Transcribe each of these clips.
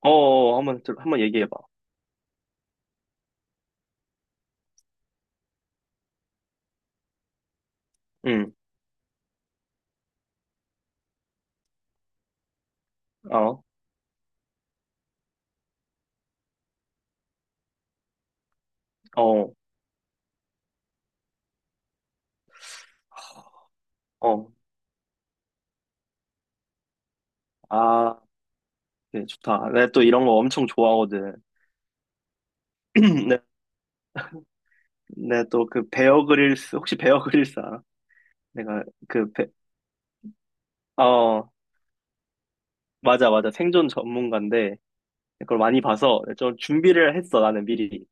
어, 어, 한번, 한번 얘기해봐. 응, 어, 어, 어. 아, 네, 좋다. 내가 또 이런 거 엄청 좋아하거든. 내, 내가 또그 베어 그릴스, 혹시 베어 그릴스 알아? 내가 그, 베, 어, 맞아, 맞아. 생존 전문가인데, 그걸 많이 봐서 네, 좀 준비를 했어, 나는 미리.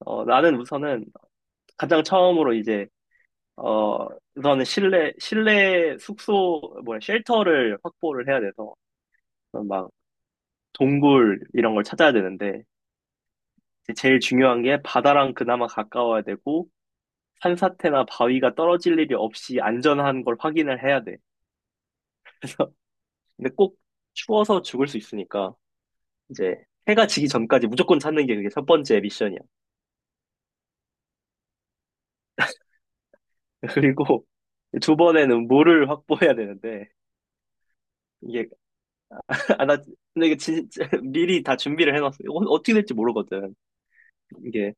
어, 나는 우선은 가장 처음으로 어, 우선은 실내 숙소, 뭐야, 쉘터를 확보를 해야 돼서, 막, 동굴 이런 걸 찾아야 되는데, 이제 제일 중요한 게 바다랑 그나마 가까워야 되고 산사태나 바위가 떨어질 일이 없이 안전한 걸 확인을 해야 돼. 그래서 근데 꼭 추워서 죽을 수 있으니까 이제 해가 지기 전까지 무조건 찾는 게 그게 첫 번째 미션이야. 그리고 두 번에는 물을 확보해야 되는데 이게 아, 나 근데 이거 진짜 미리 다 준비를 해놨어. 이거 어떻게 될지 모르거든. 이게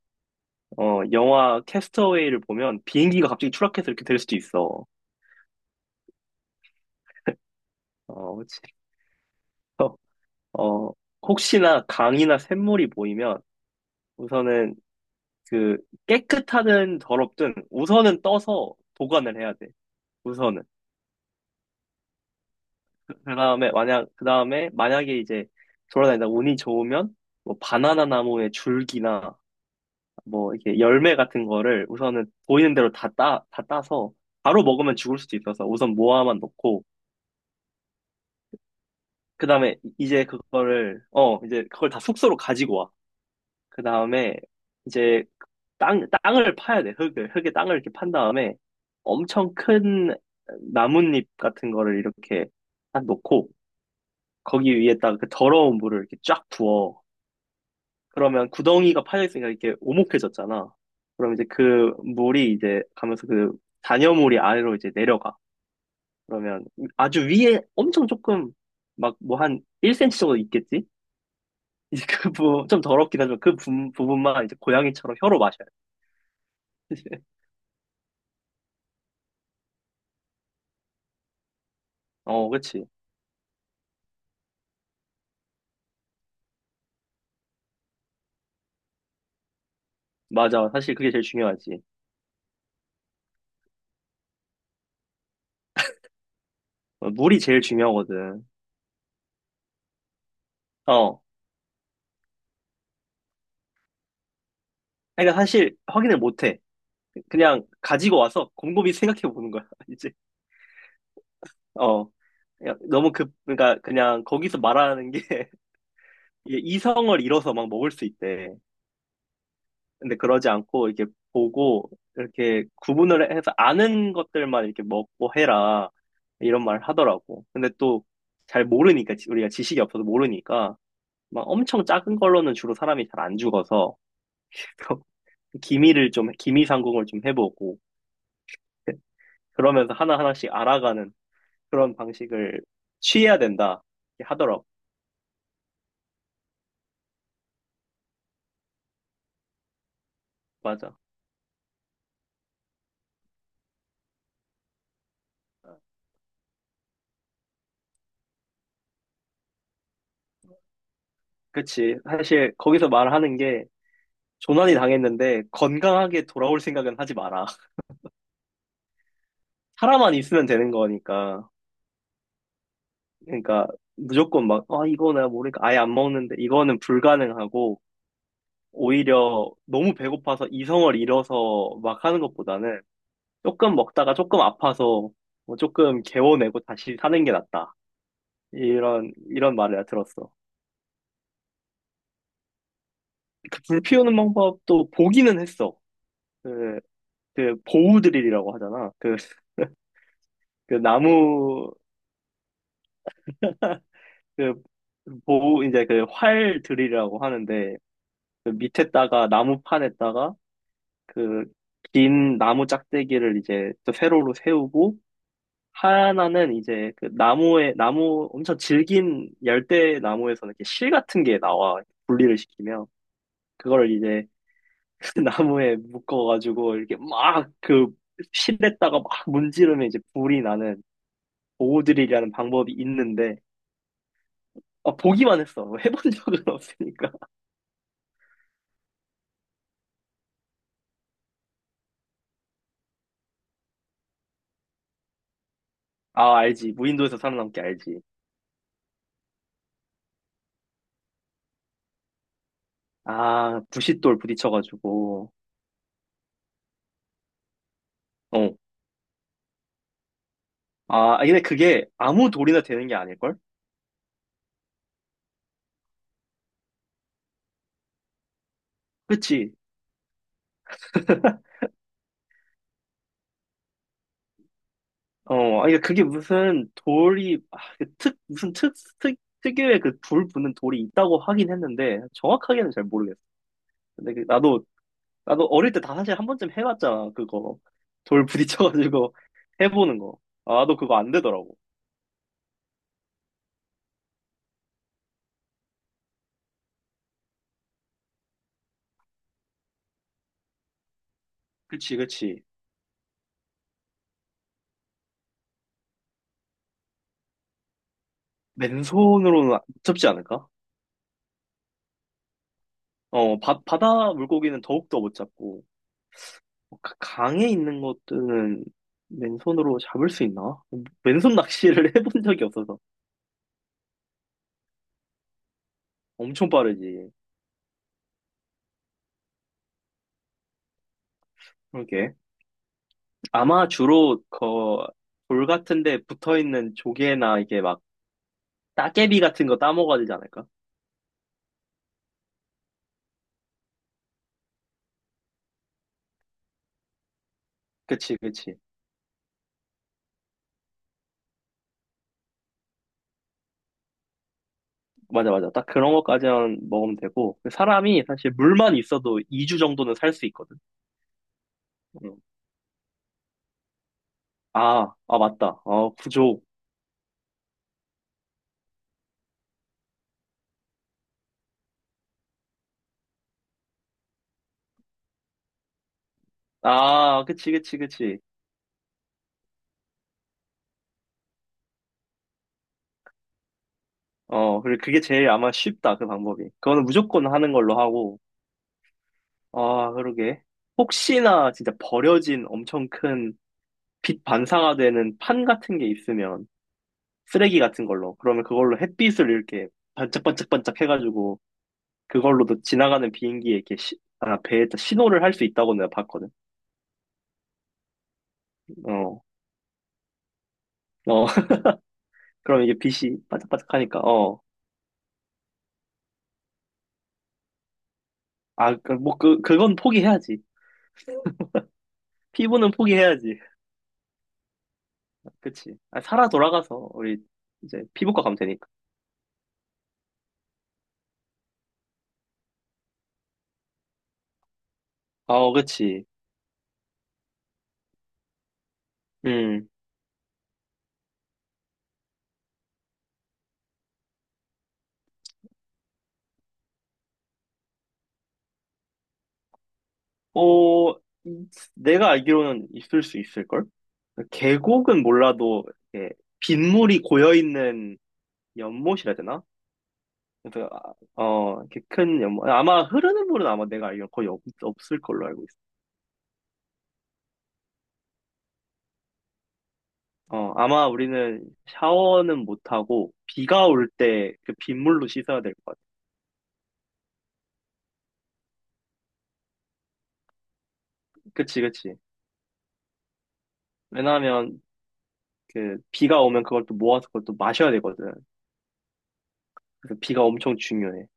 영화 캐스터웨이를 보면 비행기가 갑자기 추락해서 이렇게 될 수도 있어. 어, 그치. 어, 혹시나 강이나 샘물이 보이면 우선은 그 깨끗하든 더럽든 우선은 떠서 보관을 해야 돼. 우선은. 그 다음에 만약에 이제 돌아다니다 운이 좋으면 뭐 바나나 나무의 줄기나 뭐 이렇게 열매 같은 거를 우선은 보이는 대로 다 따서 바로 먹으면 죽을 수도 있어서 우선 모아만 놓고 그 다음에 이제 그거를, 어, 이제 그걸 다 숙소로 가지고 와. 그 다음에 이제 땅을 파야 돼. 흙을. 흙에 땅을 이렇게 판 다음에 엄청 큰 나뭇잎 같은 거를 이렇게 딱 놓고 거기 위에다가 그 더러운 물을 이렇게 쫙 부어. 그러면 구덩이가 파져 있으니까 이렇게 오목해졌잖아. 그럼 이제 그 물이 이제 가면서 그 잔여물이 아래로 이제 내려가. 그러면 아주 위에 엄청 조금 막 뭐 한 1 cm 정도 있겠지? 이제 그 부분 좀 더럽긴 하지만 그 부분만 이제 고양이처럼 혀로 마셔요. 어, 그치. 맞아. 사실 그게 제일 중요하지. 어, 물이 제일 중요하거든. 어. 그러니까 사실 확인을 못 해. 그냥 가지고 와서 곰곰이 생각해 보는 거야, 이제. 어. 그냥 그러니까 그냥 거기서 말하는 게 이게 이성을 잃어서 막 먹을 수 있대. 근데 그러지 않고 이렇게 보고 이렇게 구분을 해서 아는 것들만 이렇게 먹고 해라. 이런 말 하더라고. 근데 또 잘 모르니까, 우리가 지식이 없어서 모르니까 막 엄청 작은 걸로는 주로 사람이 잘 안 죽어서 기미를 좀, 기미 상공을 좀 해보고, 그러면서 하나하나씩 알아가는 그런 방식을 취해야 된다 하더라고. 맞아. 그치. 사실 거기서 말하는 게 조난이 당했는데 건강하게 돌아올 생각은 하지 마라. 살아만 있으면 되는 거니까. 그러니까 무조건 막, 아, 이거 내가 모르니까 아예 안 먹는데 이거는 불가능하고 오히려 너무 배고파서 이성을 잃어서 막 하는 것보다는 조금 먹다가 조금 아파서 뭐 조금 개워내고 다시 사는 게 낫다. 이런 말을 내가 들었어. 그 불 피우는 방법도 보기는 했어. 그, 보우드릴이라고 하잖아. 그 나무, 그, 보우, 이제 그 활 드릴이라고 하는데, 그 밑에다가 나무판에다가 그 긴 나무 짝대기를 이제 또 세로로 세우고, 하나는 이제 그 엄청 질긴 열대 나무에서는 이렇게 실 같은 게 나와. 분리를 시키면. 그걸 이제 나무에 묶어가지고 이렇게 막 그 실에다가 막 문지르면 이제 불이 나는 보호드릴이라는 방법이 있는데, 아, 보기만 했어. 해본 적은 없으니까. 아, 알지. 무인도에서 살아남기 알지. 아, 부싯돌 부딪혀가지고. 어. 아, 근데 그게 아무 돌이나 되는 게 아닐걸? 그치? 어, 아니, 그러니까 그게 무슨 돌이, 아, 그 특, 무슨 특, 특, 특유의 그 불 부는 돌이 있다고 하긴 했는데, 정확하게는 잘 모르겠어. 근데 나도 어릴 때 다 사실 한 번쯤 해봤잖아, 그거. 돌 부딪혀가지고 해보는 거. 아, 나도 그거 안 되더라고. 그치, 그치. 맨손으로는 못 잡지 않을까? 어, 바다 물고기는 더욱더 못 잡고, 어, 강에 있는 것들은 맨손으로 잡을 수 있나? 어, 맨손 낚시를 해본 적이 없어서 엄청 빠르지. 그러게. 아마 주로 그돌 같은 데 붙어 있는 조개나 이게 막 따개비 같은 거 따먹어야 되지 않을까? 그치, 그치. 맞아, 맞아. 딱 그런 것까지만 먹으면 되고. 사람이 사실 물만 있어도 2주 정도는 살 수 있거든. 응. 아, 아, 맞다. 어, 부족. 아, 그치, 그치, 그치. 어, 그리고 그게 제일 아마 쉽다, 그 방법이. 그거는 무조건 하는 걸로 하고. 아, 그러게. 혹시나 진짜 버려진 엄청 큰 빛 반사가 되는 판 같은 게 있으면 쓰레기 같은 걸로. 그러면 그걸로 햇빛을 이렇게 반짝반짝반짝 해가지고 그걸로도 지나가는 비행기에 이렇게 아, 배에다 신호를 할 수 있다고 내가 봤거든. 어, 어. 그럼 이게 빛이 반짝반짝하니까 어. 아, 그건 포기해야지. 피부는 포기해야지. 그치. 아, 살아 돌아가서 우리 이제 피부과 가면 되니까. 어, 그치. 음. 어, 이- 내가 알기로는 있을 수 있을걸? 계곡은 몰라도 이렇게 빗물이 고여있는 연못이라 해야 되나? 그래서 아, 어 이렇게 큰 연못 아마 흐르는 물은 아마 내가 알기로 거의 없을 걸로 알고 있어. 어 아마 우리는 샤워는 못 하고 비가 올 때 그 빗물로 씻어야 될 것 같아. 그치 그치. 왜냐하면 그 비가 오면 그걸 또 모아서 그걸 또 마셔야 되거든. 그래서 비가 엄청 중요해.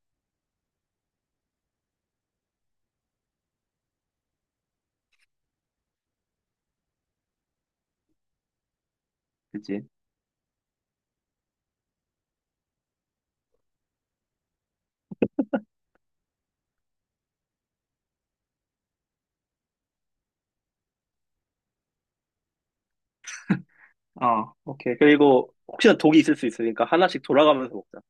그치? 어 오케이. 그리고 혹시나 독이 있을 수 있으니까 하나씩 돌아가면서 먹자.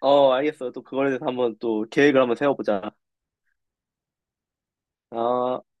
어 알겠어. 또 그거에 대해서 한번 또 계획을 한번 세워보자. 어.